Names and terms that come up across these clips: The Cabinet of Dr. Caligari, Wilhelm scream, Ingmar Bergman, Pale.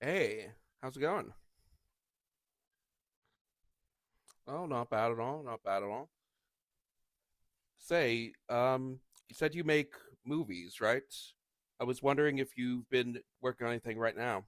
Hey, how's it going? Oh, not bad at all. Not bad at all. Say, you said you make movies, right? I was wondering if you've been working on anything right now.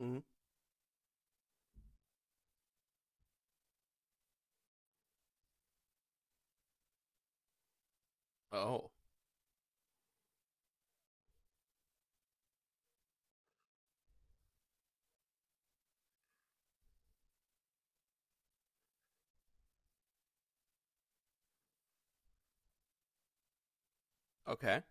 Hmm. Oh, okay.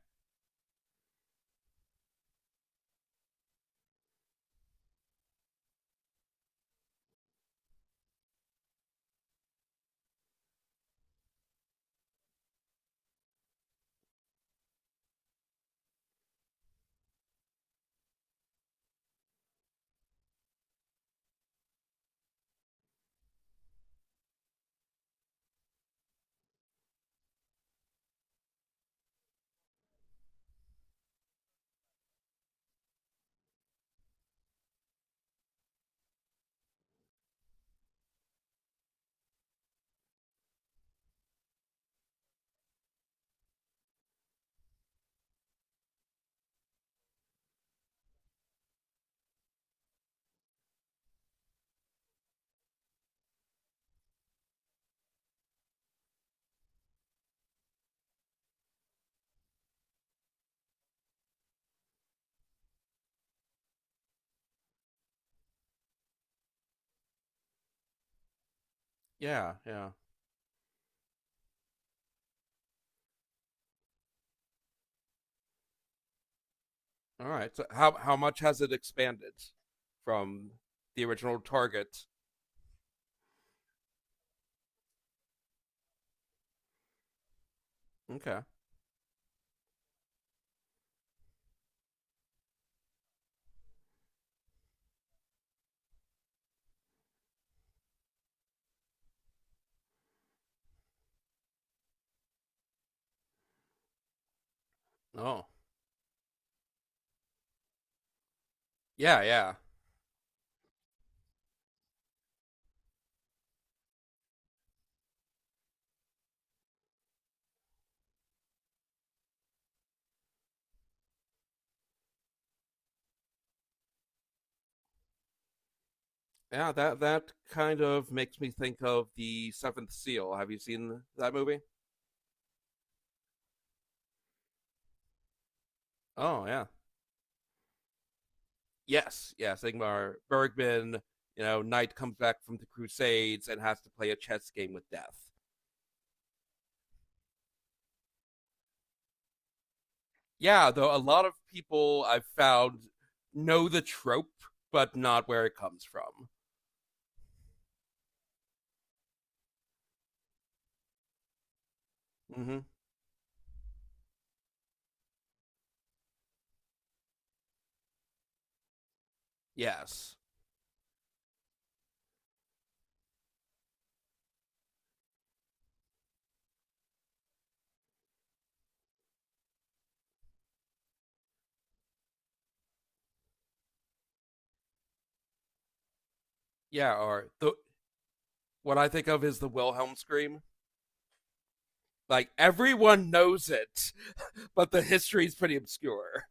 Yeah, yeah. All right. So how much has it expanded from the original target? Okay. Oh, yeah, yeah. Yeah, that that kind of makes me think of The Seventh Seal. Have you seen that movie? Oh, yeah. Yes, yes, Ingmar Bergman. You know, Knight comes back from the Crusades and has to play a chess game with death. Yeah, though a lot of people I've found know the trope, but not where it comes from. Mm-hmm. Yes, yeah, or the what I think of is the Wilhelm scream. Like everyone knows it, but the history is pretty obscure.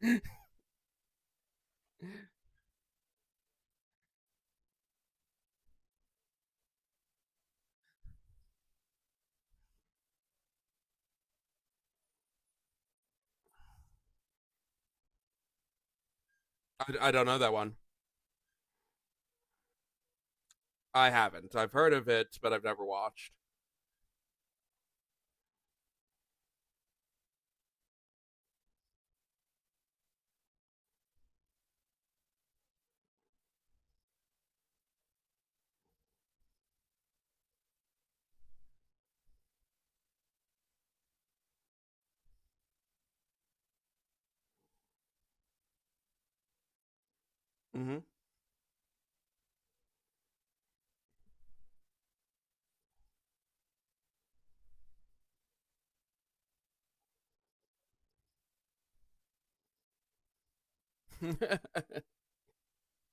I don't know that one. I haven't. I've heard of it, but I've never watched. Mm-hmm.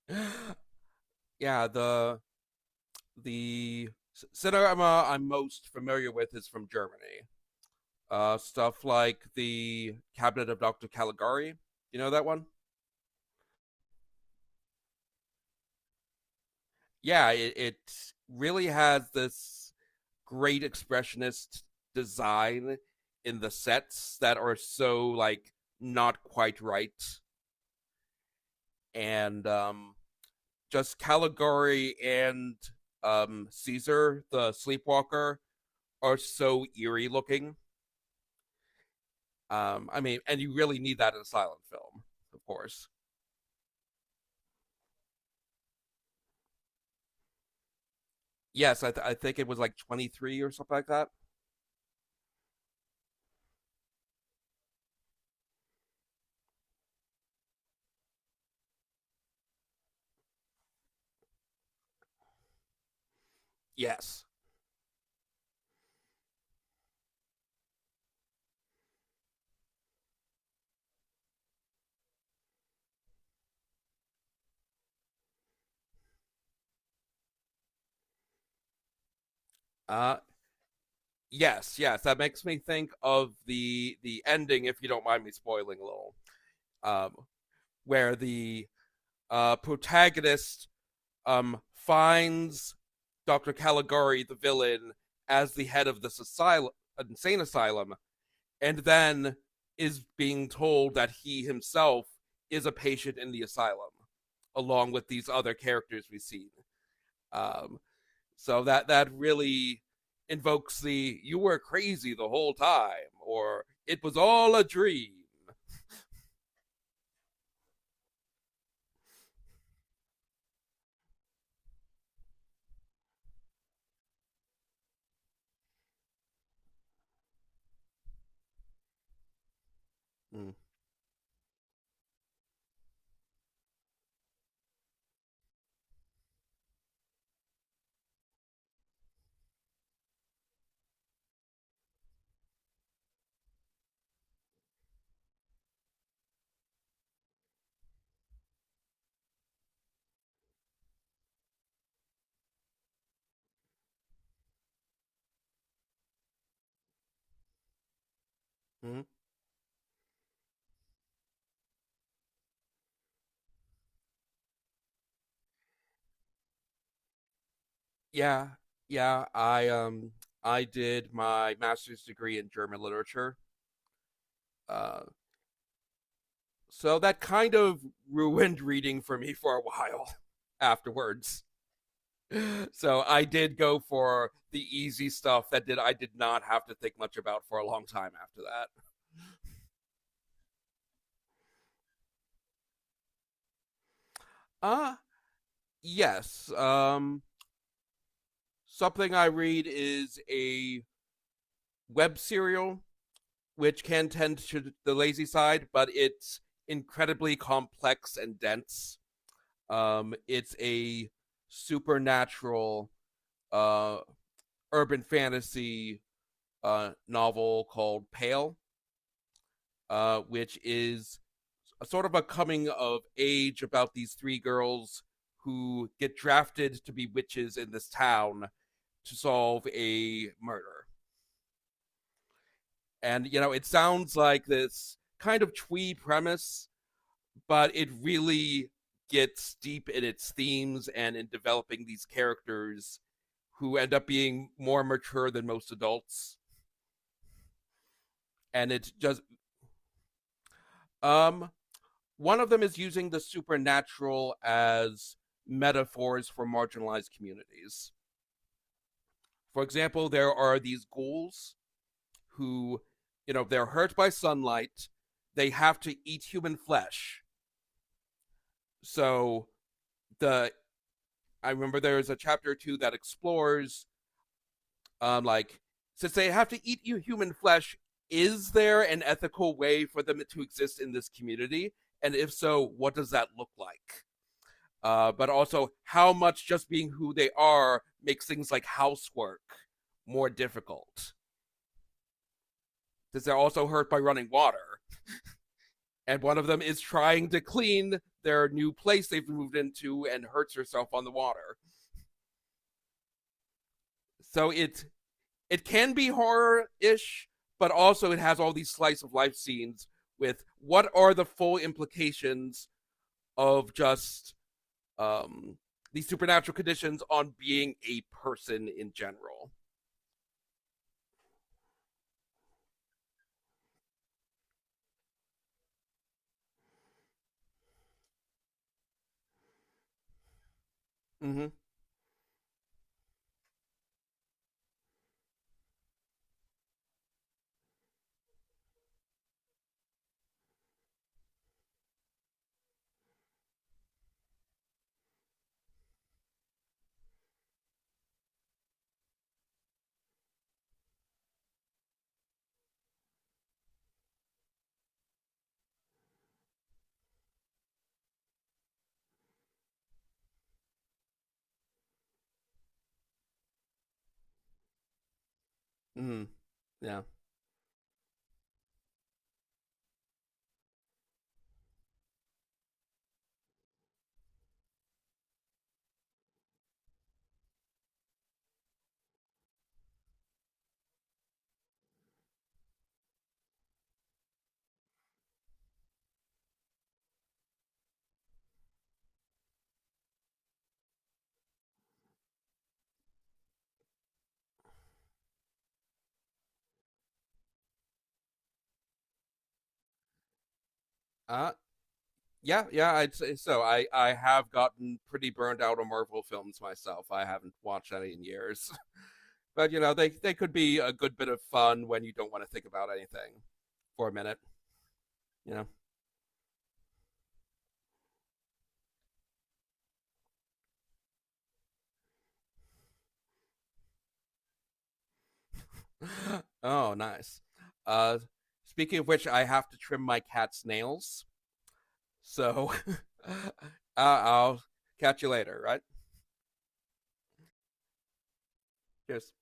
Yeah, the cinema I'm most familiar with is from Germany. Stuff like the Cabinet of Dr. Caligari. You know that one? Yeah, it really has this great expressionist design in the sets that are so like not quite right, and just Caligari and Caesar the Sleepwalker are so eerie looking. I mean, and you really need that in a silent film, of course. Yes, I think it was like 23 or something like that. Yes. Uh, yes, yes. That makes me think of the ending, if you don't mind me spoiling a little, um, where the protagonist finds Dr. Caligari, the villain, as the head of this asylum, insane asylum, and then is being told that he himself is a patient in the asylum, along with these other characters we've seen. Um, so that really invokes the "you were crazy the whole time" or "it was all a dream." Mm-hmm. Yeah, yeah. I I did my master's degree in German literature, uh, so that kind of ruined reading for me for a while afterwards. So I did go for the easy stuff that did I did not have to think much about for a long time after that. Ah, yes. Something I read is a web serial which can tend to the lazy side, but it's incredibly complex and dense. It's a supernatural uh urban fantasy novel called Pale, uh, which is a sort of a coming of age about these three girls who get drafted to be witches in this town to solve a murder. And you know, it sounds like this kind of twee premise, but it really gets deep in its themes and in developing these characters who end up being more mature than most adults. And it just um one of them is using the supernatural as metaphors for marginalized communities. For example, there are these ghouls who, you know, they're hurt by sunlight. They have to eat human flesh. So the I remember there is a chapter or two that explores, like since they have to eat human flesh, is there an ethical way for them to exist in this community? And if so, what does that look like? But also, how much just being who they are makes things like housework more difficult? Since they're also hurt by running water and one of them is trying to clean their new place they've moved into and hurts herself on the water. So it can be horror-ish, but also it has all these slice of life scenes with what are the full implications of just um these supernatural conditions on being a person in general. Mm-hmm. Mm-hmm. Yeah. Uh yeah, yeah, I'd say so. I have gotten pretty burned out on Marvel films myself. I haven't watched any in years. But you know, they could be a good bit of fun when you don't want to think about anything for a minute. You know. Oh, nice. Uh, speaking of which, I have to trim my cat's nails, so uh, I'll catch you later. Right? Cheers.